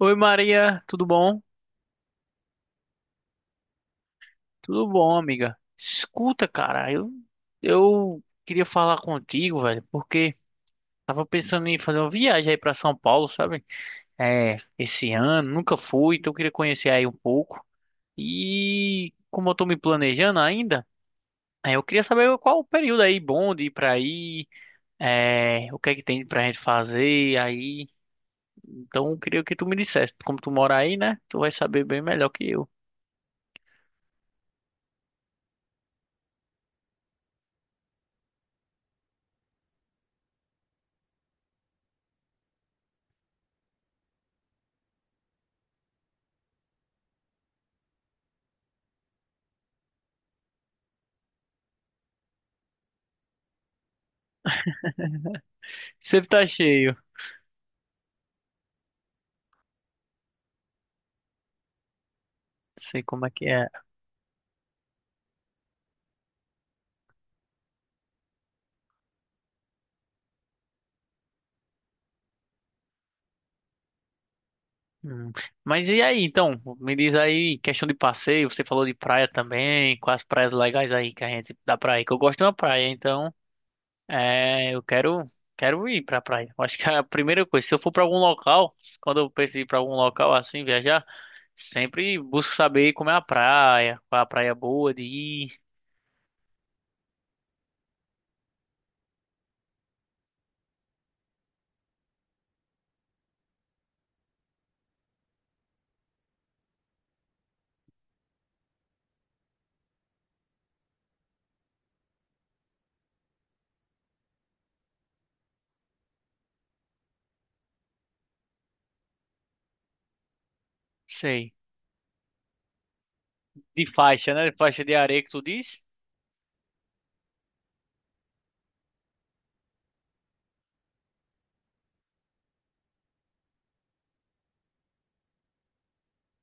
Oi, Maria, tudo bom? Tudo bom, amiga. Escuta, cara, eu queria falar contigo, velho, porque tava pensando em fazer uma viagem aí pra São Paulo, sabe? Esse ano, nunca fui, então eu queria conhecer aí um pouco. E como eu tô me planejando ainda, eu queria saber qual o período aí bom de ir pra aí, o que é que tem pra gente fazer aí. Então eu queria que tu me dissesse, como tu mora aí, né? Tu vai saber bem melhor que eu. Sempre tá cheio. Sei como é que é. Hum. Mas e aí, então? Me diz aí, questão de passeio, você falou de praia também, quais praias legais aí que a gente dá pra ir? Que eu gosto de uma praia, então é, eu quero, quero ir pra praia. Eu acho que é a primeira coisa, se eu for pra algum local, quando eu preciso ir pra algum local assim, viajar, sempre busco saber como é a praia, qual é a praia boa de ir, sei. De faixa, né? De faixa de areia que tu diz?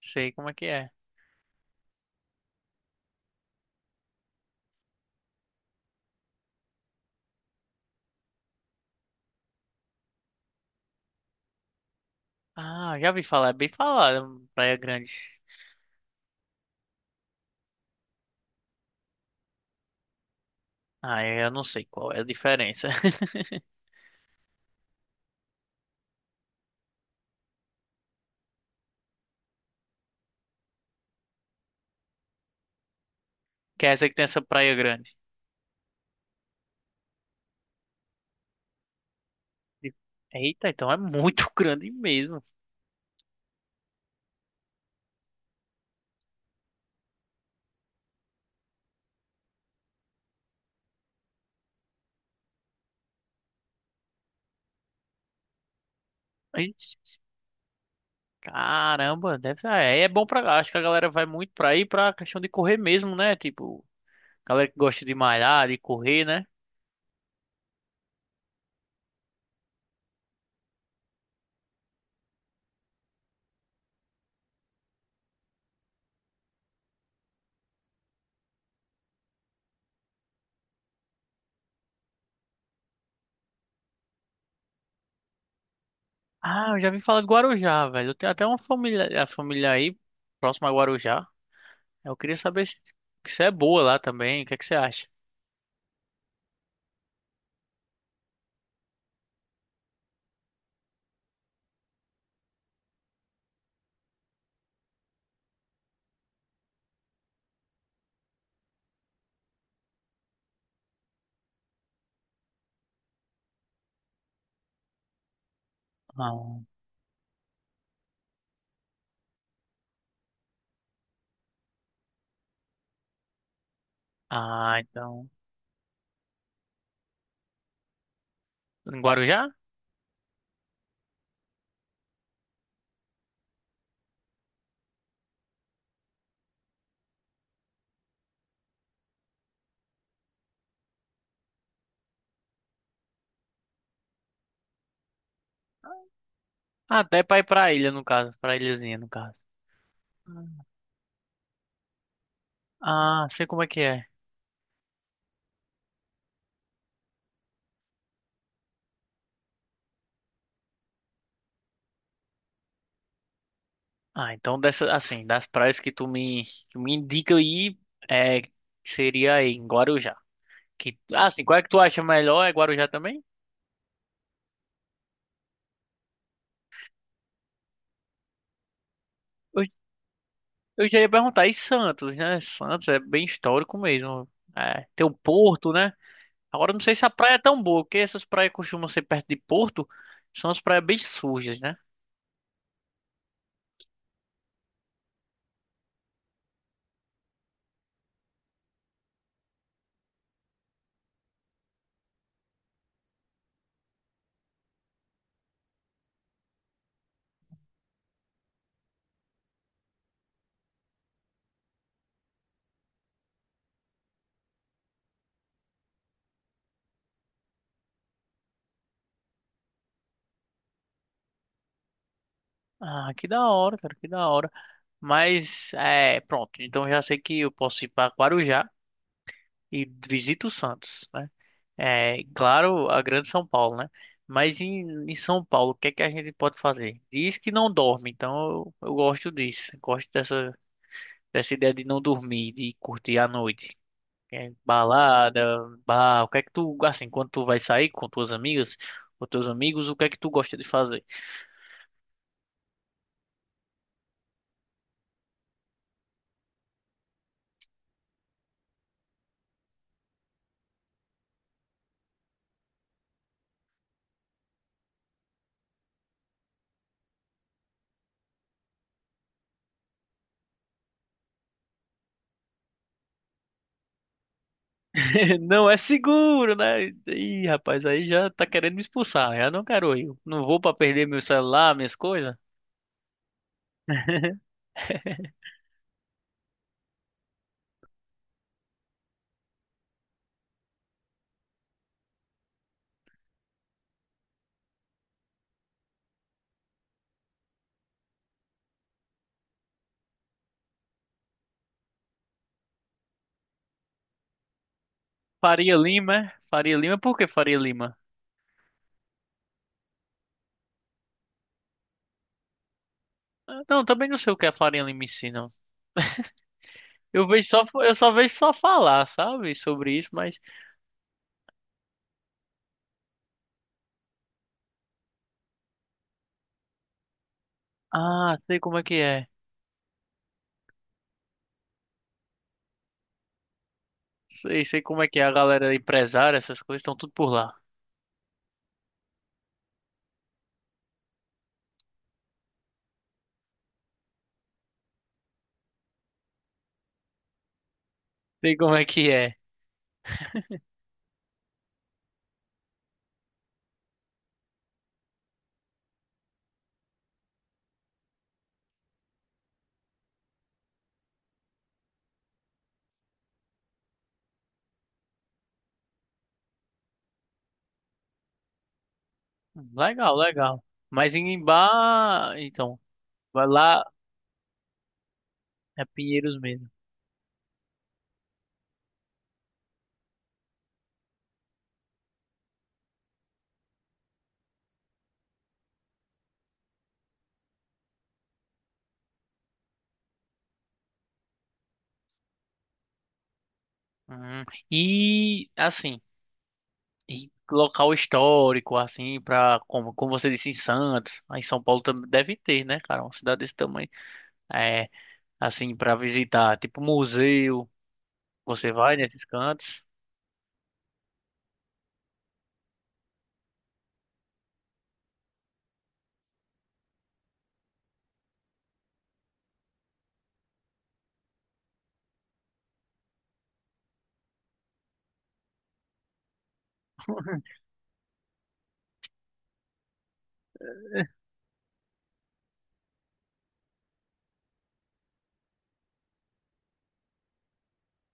Sei como é que é. Ah, já vi falar, é bem falado, Praia Grande. Ah, é, eu não sei qual é a diferença. Que é essa que tem essa praia grande. E- Eita, então é muito grande mesmo. Aí, caramba, deve ser. É, é bom pra. Acho que a galera vai muito pra ir pra questão de correr mesmo, né? Tipo, galera que gosta de malhar, de correr, né? Ah, eu já vim falar de Guarujá, velho. Eu tenho até uma família, a família aí, próxima a Guarujá. Eu queria saber se é boa lá também. O que é que você acha? Não. Ah, então. Em Guarujá? Ah, até pra ir pra ilha, no caso. Pra ilhazinha, no caso. Ah, sei como é que é. Ah, então dessa, assim, das praias que me indica aí, é, seria aí em Guarujá. Que, ah, assim, qual é que tu acha melhor? É Guarujá também? Eu, eu já ia perguntar, e Santos, né? Santos é bem histórico mesmo. É, tem o Porto, né? Agora eu não sei se a praia é tão boa, porque essas praias costumam ser perto de Porto, são as praias bem sujas, né? Ah, que da hora, cara, que da hora. Mas, é, pronto, então eu já sei que eu posso ir pra Guarujá e visito Santos, né? É, claro, a grande São Paulo, né? Mas em São Paulo, o que é que a gente pode fazer? Diz que não dorme, então eu gosto disso. Gosto dessa ideia de não dormir, de curtir a noite. É, balada, bar, o que é que tu, assim, quando tu vai sair com tuas amigas, com teus amigos, o que é que tu gosta de fazer? Não é seguro, né? Ih, rapaz, aí já tá querendo me expulsar. Eu não quero ir. Não vou pra perder meu celular, minhas coisas. Faria Lima, é? Faria Lima, por que Faria Lima? Não, também não sei o que a farinha limicina. Ensina. Eu vejo só, eu só vejo só falar, sabe, sobre isso, mas ah, sei como é que é. Sei, sei como é que é, a galera empresária, essas coisas estão tudo por lá. Sei como é que é. Legal, legal. Mas em Imbá, então, vai lá, é Pinheiros mesmo. Hum. E assim, e local histórico assim para como você disse em Santos, aí em São Paulo também deve ter, né, cara, uma cidade desse tamanho. É, assim para visitar, tipo museu. Você vai nesses cantos.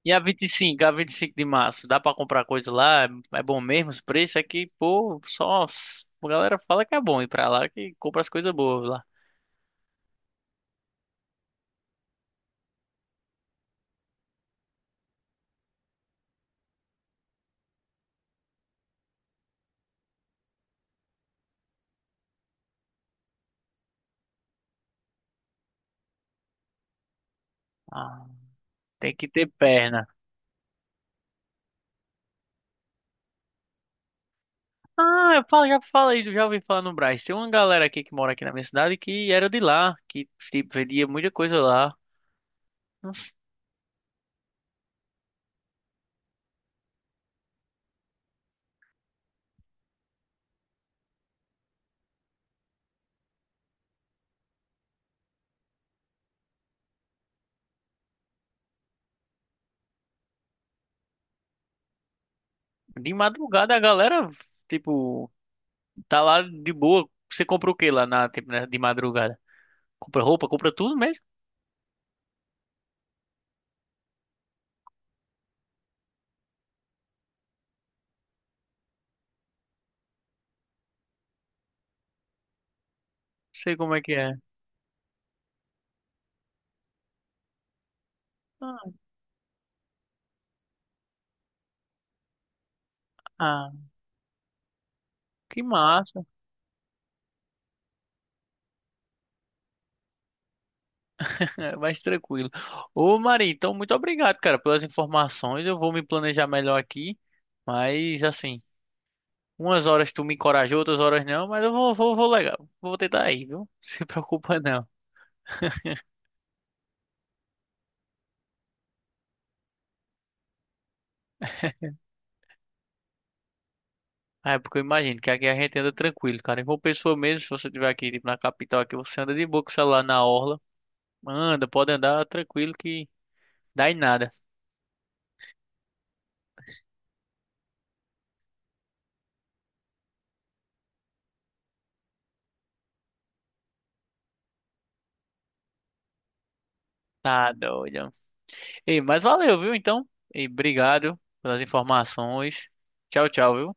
E a 25, a 25 de março, dá pra comprar coisa lá? É, é bom mesmo os preços? É que, pô, só s- a galera fala que é bom ir pra lá, que compra as coisas boas lá. Ah, tem que ter perna. Ah, eu falo, já falei, já ouvi falar no Brás. Tem uma galera aqui que mora aqui na minha cidade que era de lá, que, tipo, vendia muita coisa lá. Nossa. De madrugada a galera, tipo, tá lá de boa. Você compra o que lá na, tipo, né, de madrugada? Compra roupa, compra tudo mesmo? Não sei como é que é. Ah, ah. Que massa. Mais tranquilo. Ô, Marinho, então muito obrigado, cara, pelas informações. Eu vou me planejar melhor aqui, mas assim, umas horas tu me encorajou, outras horas não, mas vou legal. Vou tentar ir, viu? Não se preocupa não. Ah, é, porque eu imagino que aqui a gente anda tranquilo, cara. Em João Pessoa mesmo, se você estiver aqui, tipo, na capital aqui, você anda de boa com o celular na orla. Anda, pode andar tranquilo que dá em nada. Tá doido. Ei, mas valeu, viu, então? E obrigado pelas informações. Tchau, tchau, viu?